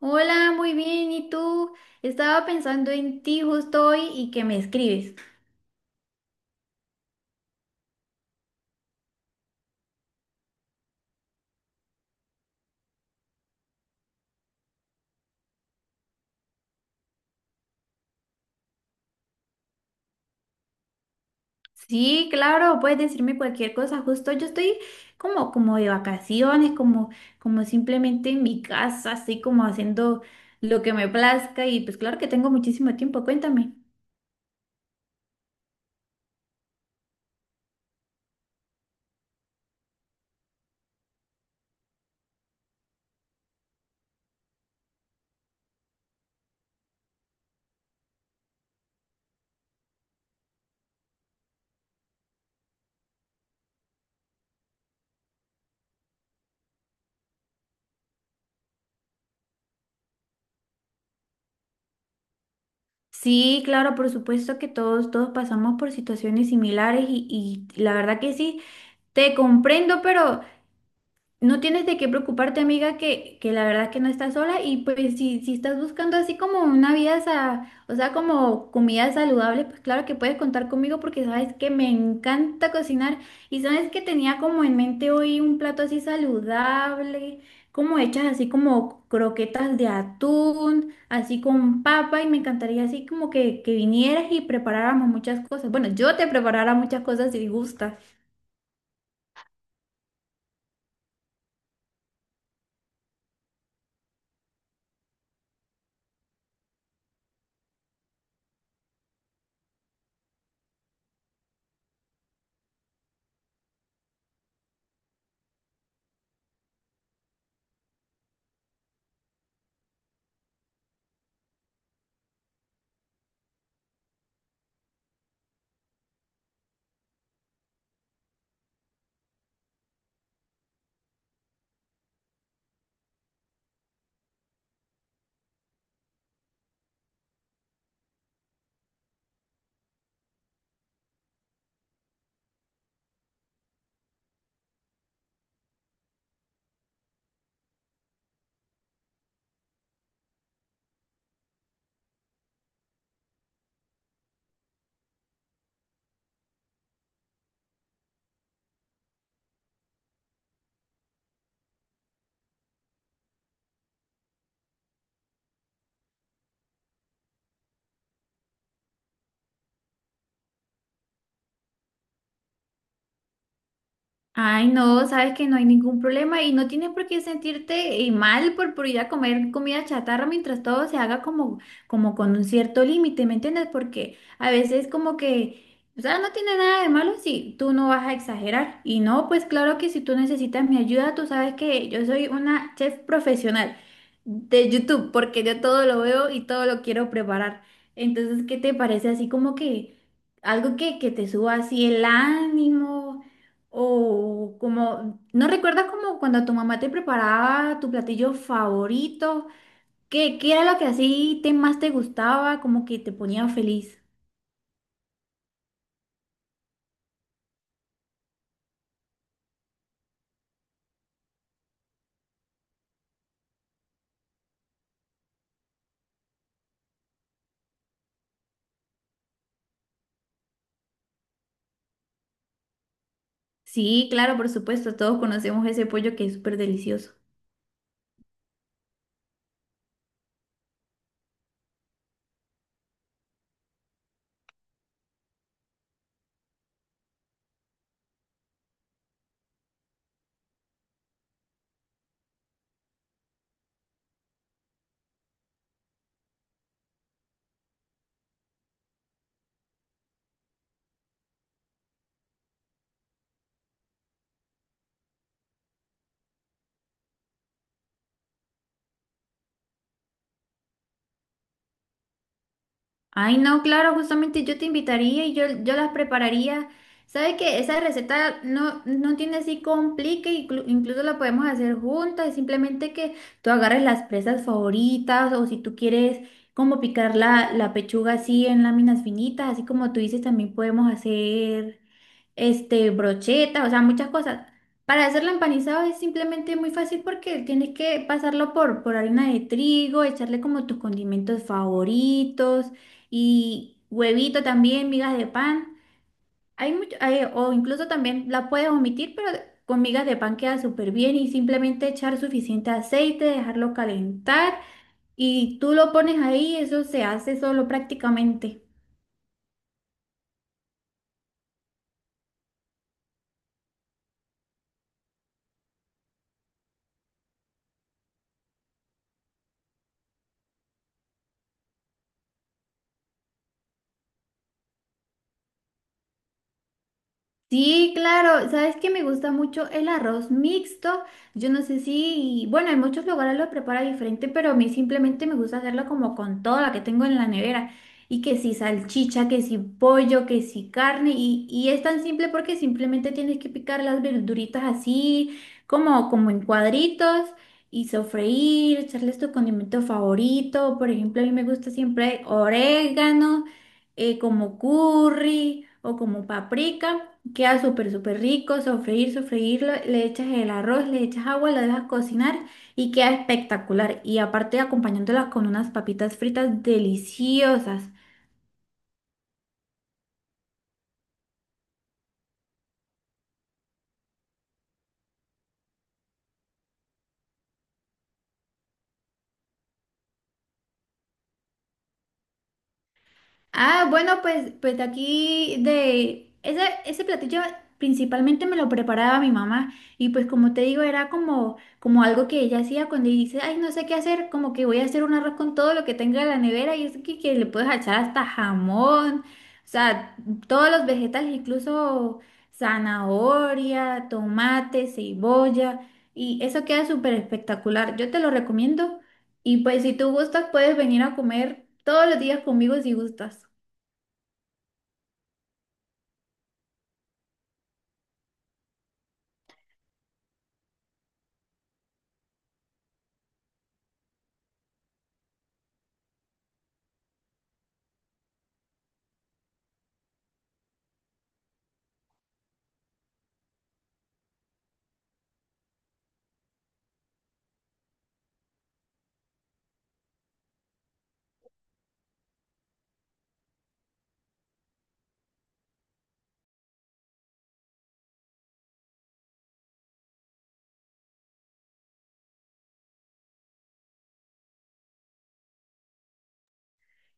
Hola, muy bien. ¿Y tú? Estaba pensando en ti justo hoy y que me escribes. Sí, claro, puedes decirme cualquier cosa. Justo yo estoy como de vacaciones, como, como simplemente en mi casa, así como haciendo lo que me plazca. Y pues claro que tengo muchísimo tiempo. Cuéntame. Sí, claro, por supuesto que todos pasamos por situaciones similares y la verdad que sí, te comprendo, pero no tienes de qué preocuparte, amiga, que la verdad que no estás sola y pues si estás buscando así como una vida, o sea, como comida saludable, pues claro que puedes contar conmigo porque sabes que me encanta cocinar y sabes que tenía como en mente hoy un plato así saludable, como hechas así como croquetas de atún, así con papa y me encantaría así como que vinieras y preparáramos muchas cosas. Bueno, yo te preparara muchas cosas si gustas. Ay, no, sabes que no hay ningún problema y no tienes por qué sentirte mal por ir a comer comida chatarra mientras todo se haga como, como con un cierto límite, ¿me entiendes? Porque a veces como que, o sea, no tiene nada de malo si tú no vas a exagerar. Y no, pues claro que si tú necesitas mi ayuda, tú sabes que yo soy una chef profesional de YouTube, porque yo todo lo veo y todo lo quiero preparar. Entonces, ¿qué te parece así como que algo que te suba así el ánimo? O como, ¿no recuerdas como cuando tu mamá te preparaba tu platillo favorito? ¿¿Qué era lo que así te, más te gustaba, como que te ponía feliz? Sí, claro, por supuesto, todos conocemos ese pollo que es súper delicioso. Ay, no, claro, justamente yo te invitaría y yo las prepararía. ¿Sabes qué? Esa receta no tiene así complique, incluso la podemos hacer juntas, simplemente que tú agarres las presas favoritas o si tú quieres como picar la pechuga así en láminas finitas, así como tú dices, también podemos hacer este, brocheta, o sea, muchas cosas. Para hacerlo empanizado es simplemente muy fácil porque tienes que pasarlo por harina de trigo, echarle como tus condimentos favoritos y huevito también, migas de pan. Hay mucho, o incluso también la puedes omitir, pero con migas de pan queda súper bien y simplemente echar suficiente aceite, dejarlo calentar y tú lo pones ahí, eso se hace solo prácticamente. Sí, claro. ¿Sabes qué me gusta mucho? El arroz mixto. Yo no sé si, bueno, en muchos lugares lo prepara diferente, pero a mí simplemente me gusta hacerlo como con todo lo que tengo en la nevera. Y que si salchicha, que si pollo, que si carne. Y es tan simple porque simplemente tienes que picar las verduritas así, como, como en cuadritos. Y sofreír, echarles tu condimento favorito. Por ejemplo, a mí me gusta siempre orégano como curry o como paprika. Queda súper, súper rico, sofreír, sofreírlo, le echas el arroz, le echas agua, lo dejas cocinar y queda espectacular. Y aparte acompañándolas con unas papitas fritas deliciosas. Ah, bueno, pues de aquí de ese platillo principalmente me lo preparaba mi mamá y pues como te digo era como, como algo que ella hacía cuando dice, ay, no sé qué hacer, como que voy a hacer un arroz con todo lo que tenga en la nevera y es que le puedes echar hasta jamón, o sea, todos los vegetales, incluso zanahoria, tomate, cebolla y eso queda súper espectacular. Yo te lo recomiendo y pues si tú gustas puedes venir a comer todos los días conmigo si gustas.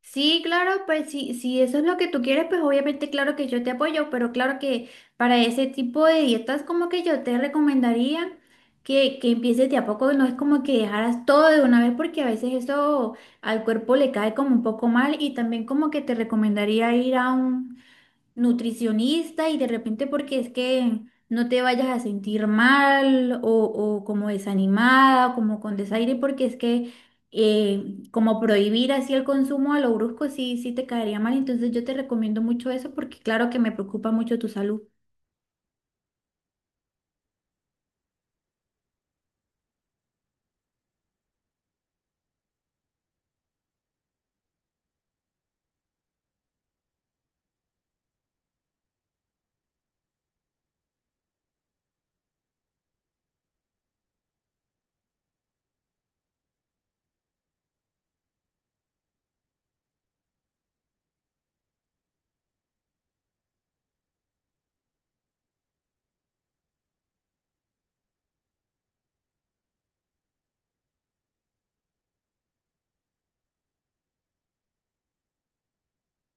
Sí, claro, pues sí, si eso es lo que tú quieres, pues obviamente claro que yo te apoyo, pero claro que para ese tipo de dietas como que yo te recomendaría que empieces de a poco, no es como que dejaras todo de una vez porque a veces eso al cuerpo le cae como un poco mal y también como que te recomendaría ir a un nutricionista y de repente porque es que no te vayas a sentir mal o como desanimada, o como con desaire, porque es que como prohibir así el consumo a lo brusco sí, sí te caería mal. Entonces yo te recomiendo mucho eso porque claro que me preocupa mucho tu salud.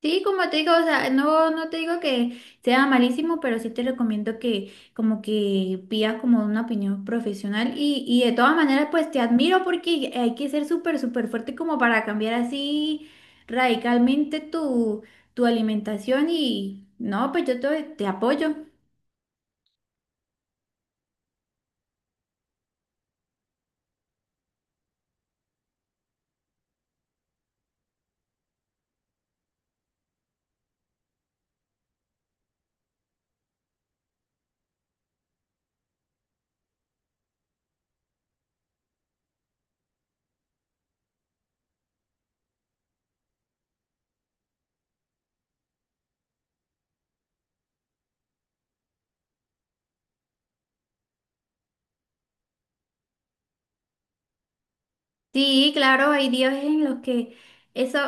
Sí, como te digo, o sea, no te digo que sea malísimo, pero sí te recomiendo que como que pidas como una opinión profesional y de todas maneras pues te admiro porque hay que ser súper, súper fuerte como para cambiar así radicalmente tu alimentación y no, pues yo te apoyo. Sí, claro, hay días en los que eso,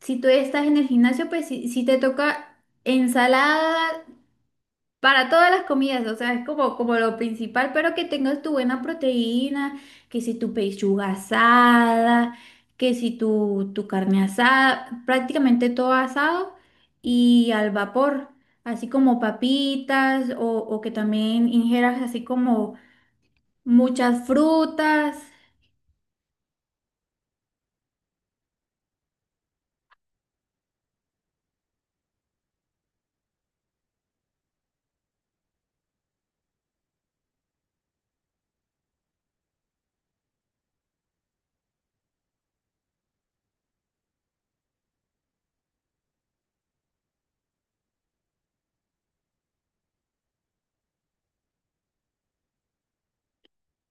si tú estás en el gimnasio, pues si te toca ensalada para todas las comidas, o sea, es como, como lo principal, pero que tengas tu buena proteína, que si tu pechuga asada, que si tu carne asada, prácticamente todo asado y al vapor, así como papitas o que también ingieras así como muchas frutas.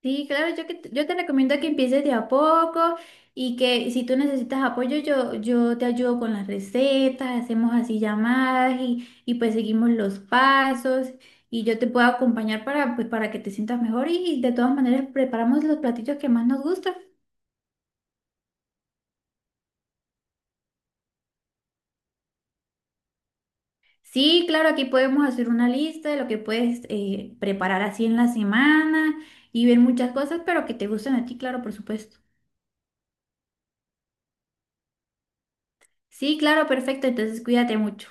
Sí, claro, yo, yo te recomiendo que empieces de a poco y que si tú necesitas apoyo, yo te ayudo con las recetas, hacemos así llamadas y pues seguimos los pasos y yo te puedo acompañar para, pues, para que te sientas mejor y de todas maneras preparamos los platillos que más nos gustan. Sí, claro, aquí podemos hacer una lista de lo que puedes preparar así en la semana y ver muchas cosas, pero que te gusten a ti, claro, por supuesto. Sí, claro, perfecto, entonces cuídate mucho.